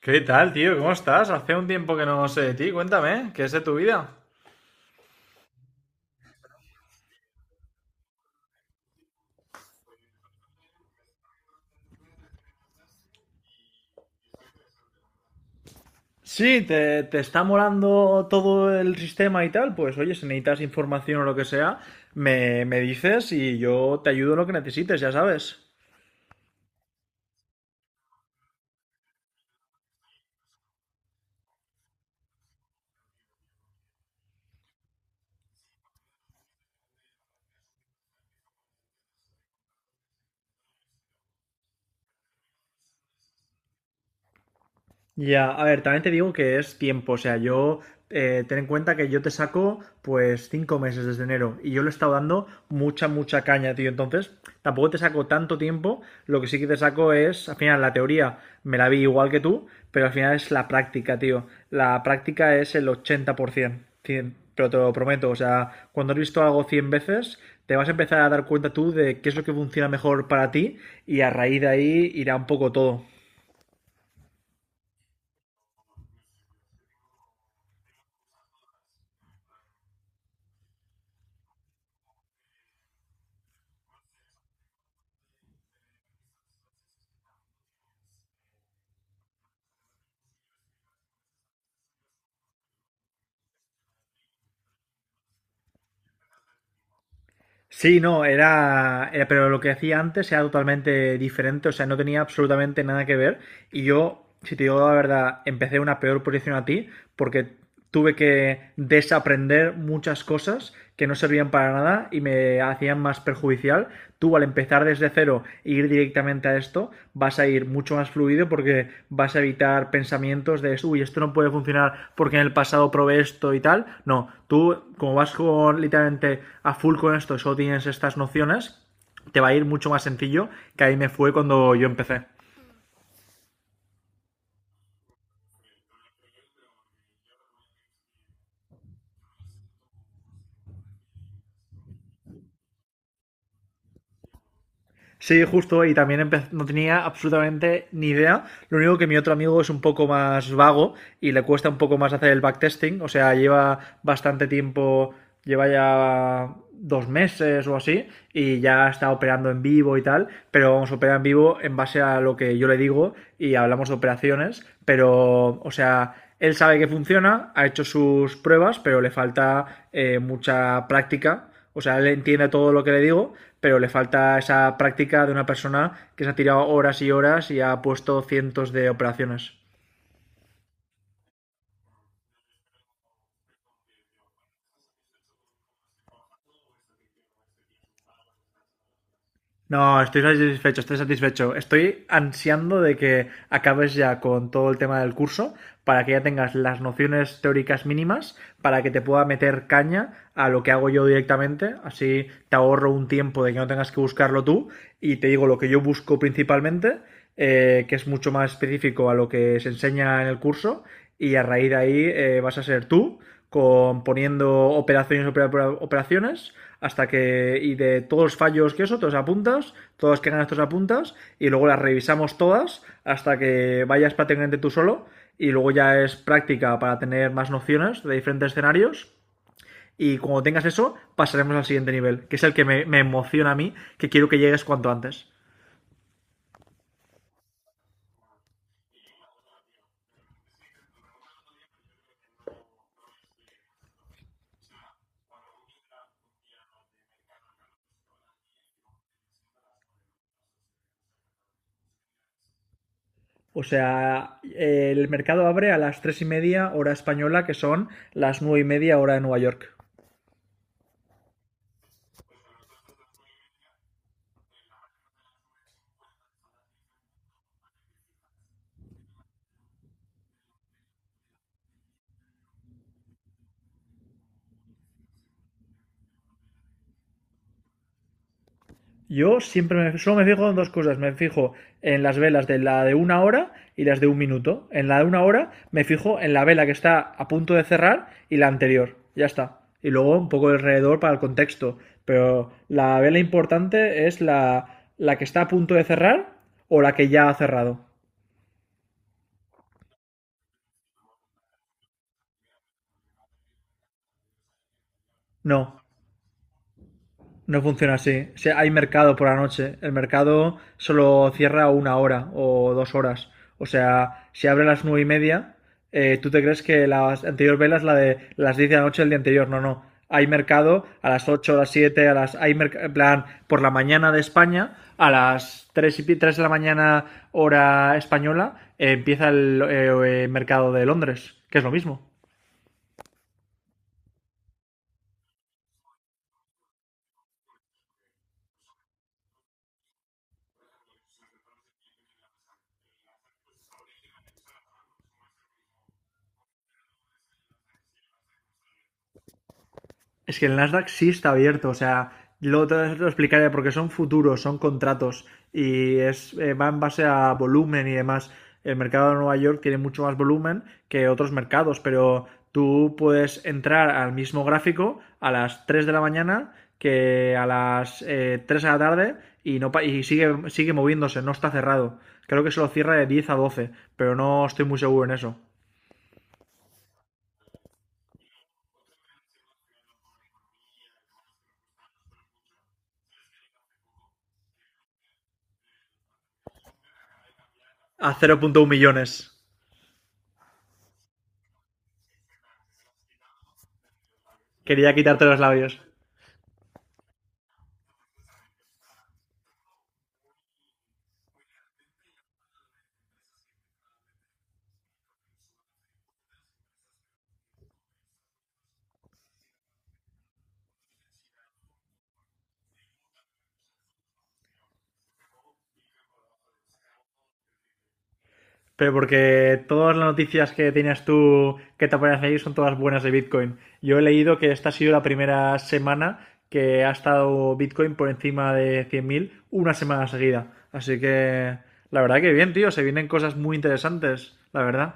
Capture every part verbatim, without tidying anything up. ¿Qué tal, tío? ¿Cómo estás? Hace un tiempo que no sé de ti. Cuéntame, ¿qué es de tu vida? Sí, te, te está molando todo el sistema y tal, pues oye, si necesitas información o lo que sea, me, me dices y yo te ayudo en lo que necesites, ya sabes. Ya, a ver, también te digo que es tiempo, o sea, yo eh, ten en cuenta que yo te saco pues cinco meses desde enero y yo le he estado dando mucha, mucha caña, tío, entonces tampoco te saco tanto tiempo. Lo que sí que te saco es, al final la teoría me la vi igual que tú, pero al final es la práctica, tío, la práctica es el ochenta por ciento, cien. Pero te lo prometo, o sea, cuando has visto algo cien veces, te vas a empezar a dar cuenta tú de qué es lo que funciona mejor para ti, y a raíz de ahí irá un poco todo. Sí, no, era, era- pero lo que hacía antes era totalmente diferente, o sea, no tenía absolutamente nada que ver. Y yo, si te digo la verdad, empecé en una peor posición a ti, porque tuve que desaprender muchas cosas que no servían para nada y me hacían más perjudicial. Tú, al empezar desde cero e ir directamente a esto, vas a ir mucho más fluido porque vas a evitar pensamientos de, uy, esto no puede funcionar porque en el pasado probé esto y tal. No, tú como vas con literalmente a full con esto, solo tienes estas nociones, te va a ir mucho más sencillo que ahí me fue cuando yo empecé. Sí, justo, y también empe- no tenía absolutamente ni idea. Lo único que mi otro amigo es un poco más vago y le cuesta un poco más hacer el backtesting. O sea, lleva bastante tiempo, lleva ya dos meses o así, y ya está operando en vivo y tal. Pero vamos a operar en vivo en base a lo que yo le digo y hablamos de operaciones. Pero, o sea, él sabe que funciona, ha hecho sus pruebas, pero le falta eh, mucha práctica. O sea, él entiende todo lo que le digo, pero le falta esa práctica de una persona que se ha tirado horas y horas y ha puesto cientos de operaciones. No, estoy satisfecho, estoy satisfecho. Estoy ansiando de que acabes ya con todo el tema del curso para que ya tengas las nociones teóricas mínimas, para que te pueda meter caña a lo que hago yo directamente. Así te ahorro un tiempo de que no tengas que buscarlo tú, y te digo lo que yo busco principalmente, eh, que es mucho más específico a lo que se enseña en el curso. Y a raíz de ahí, eh, vas a ser tú con poniendo operaciones, operaciones, hasta que, y de todos los fallos que eso, todos apuntas, todos los que ganas, todos apuntas, y luego las revisamos todas hasta que vayas prácticamente tú solo. Y luego ya es práctica para tener más nociones de diferentes escenarios, y cuando tengas eso, pasaremos al siguiente nivel, que es el que me, me emociona a mí, que quiero que llegues cuanto antes. O sea, eh, el mercado abre a las tres y media hora española, que son las nueve y media hora de Nueva York. Yo siempre me, solo me fijo en dos cosas. Me fijo en las velas de la de una hora y las de un minuto. En la de una hora me fijo en la vela que está a punto de cerrar y la anterior. Ya está. Y luego un poco alrededor para el contexto. Pero la vela importante es la, la que está a punto de cerrar o la que ya ha cerrado. No, no funciona así. Si hay mercado por la noche. El mercado solo cierra una hora o dos horas. O sea, si abre a las nueve y media, eh, tú te crees que las anterior velas la de las diez de la noche del día anterior. No, no. Hay mercado a las ocho, a las siete, a las. Hay merc- en plan, por la mañana de España, a las tres y, tres de la mañana, hora española, eh, empieza el eh, eh, mercado de Londres, que es lo mismo. Es que el Nasdaq sí está abierto, o sea, lo, te lo explicaré porque son futuros, son contratos y es, eh, va en base a volumen y demás. El mercado de Nueva York tiene mucho más volumen que otros mercados, pero tú puedes entrar al mismo gráfico a las tres de la mañana que a las eh, tres de la tarde y, no, y sigue, sigue moviéndose, no está cerrado. Creo que se lo cierra de diez a doce, pero no estoy muy seguro en eso. A cero coma uno millones. Quería quitarte los labios. Pero porque todas las noticias que tienes tú que te aparecen ahí son todas buenas de Bitcoin. Yo he leído que esta ha sido la primera semana que ha estado Bitcoin por encima de cien mil una semana seguida. Así que la verdad que bien, tío, se vienen cosas muy interesantes, la verdad.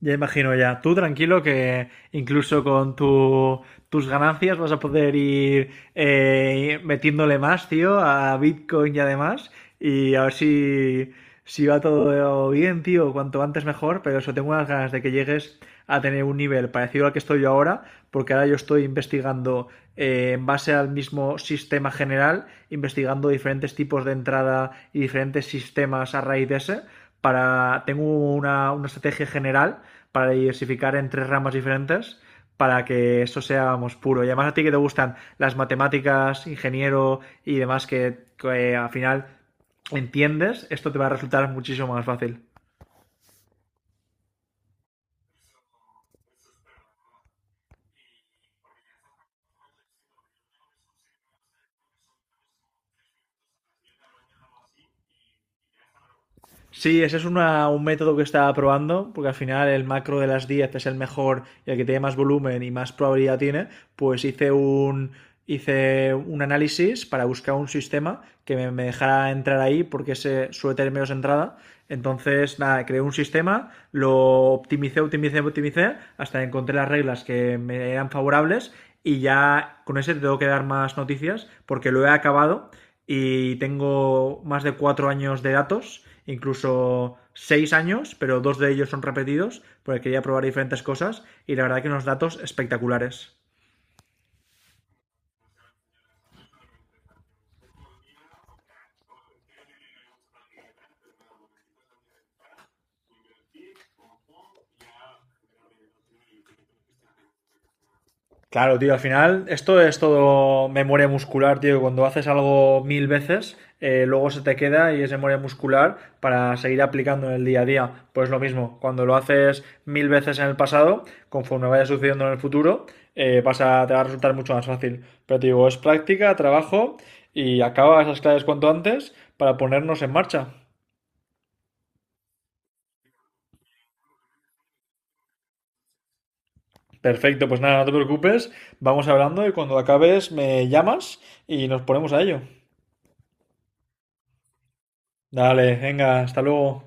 Ya imagino ya. Tú tranquilo que incluso con tu, tus ganancias vas a poder ir eh, metiéndole más, tío, a Bitcoin y además. Y a ver si, si va todo bien, tío. Cuanto antes mejor. Pero eso, tengo unas ganas de que llegues a tener un nivel parecido al que estoy yo ahora. Porque ahora yo estoy investigando eh, en base al mismo sistema general, investigando diferentes tipos de entrada y diferentes sistemas a raíz de ese para tengo una, una estrategia general para diversificar en tres ramas diferentes para que esto sea vamos, puro. Y además a ti que te gustan las matemáticas, ingeniero y demás que, que al final entiendes, esto te va a resultar muchísimo más fácil. Sí, ese es una- un método que estaba probando, porque al final el macro de las diez es el mejor y el que tiene más volumen y más probabilidad tiene, pues hice un, hice un análisis para buscar un sistema que me, me dejara entrar ahí, porque se suele tener menos entrada. Entonces, nada, creé un sistema, lo optimicé, optimicé, optimicé, hasta que encontré las reglas que me eran favorables, y ya con ese te tengo que dar más noticias, porque lo he acabado y tengo más de cuatro años de datos, incluso seis años, pero dos de ellos son repetidos, porque quería probar diferentes cosas y la verdad que unos datos espectaculares. Claro, tío, al final esto es todo memoria muscular, tío. Cuando haces algo mil veces, eh, luego se te queda y es memoria muscular para seguir aplicando en el día a día. Pues lo mismo, cuando lo haces mil veces en el pasado, conforme vaya sucediendo en el futuro, eh, vas a, te va a resultar mucho más fácil. Pero te digo, es práctica, trabajo, y acaba esas claves cuanto antes para ponernos en marcha. Perfecto, pues nada, no te preocupes, vamos hablando y cuando acabes me llamas y nos ponemos a ello. Dale, venga, hasta luego.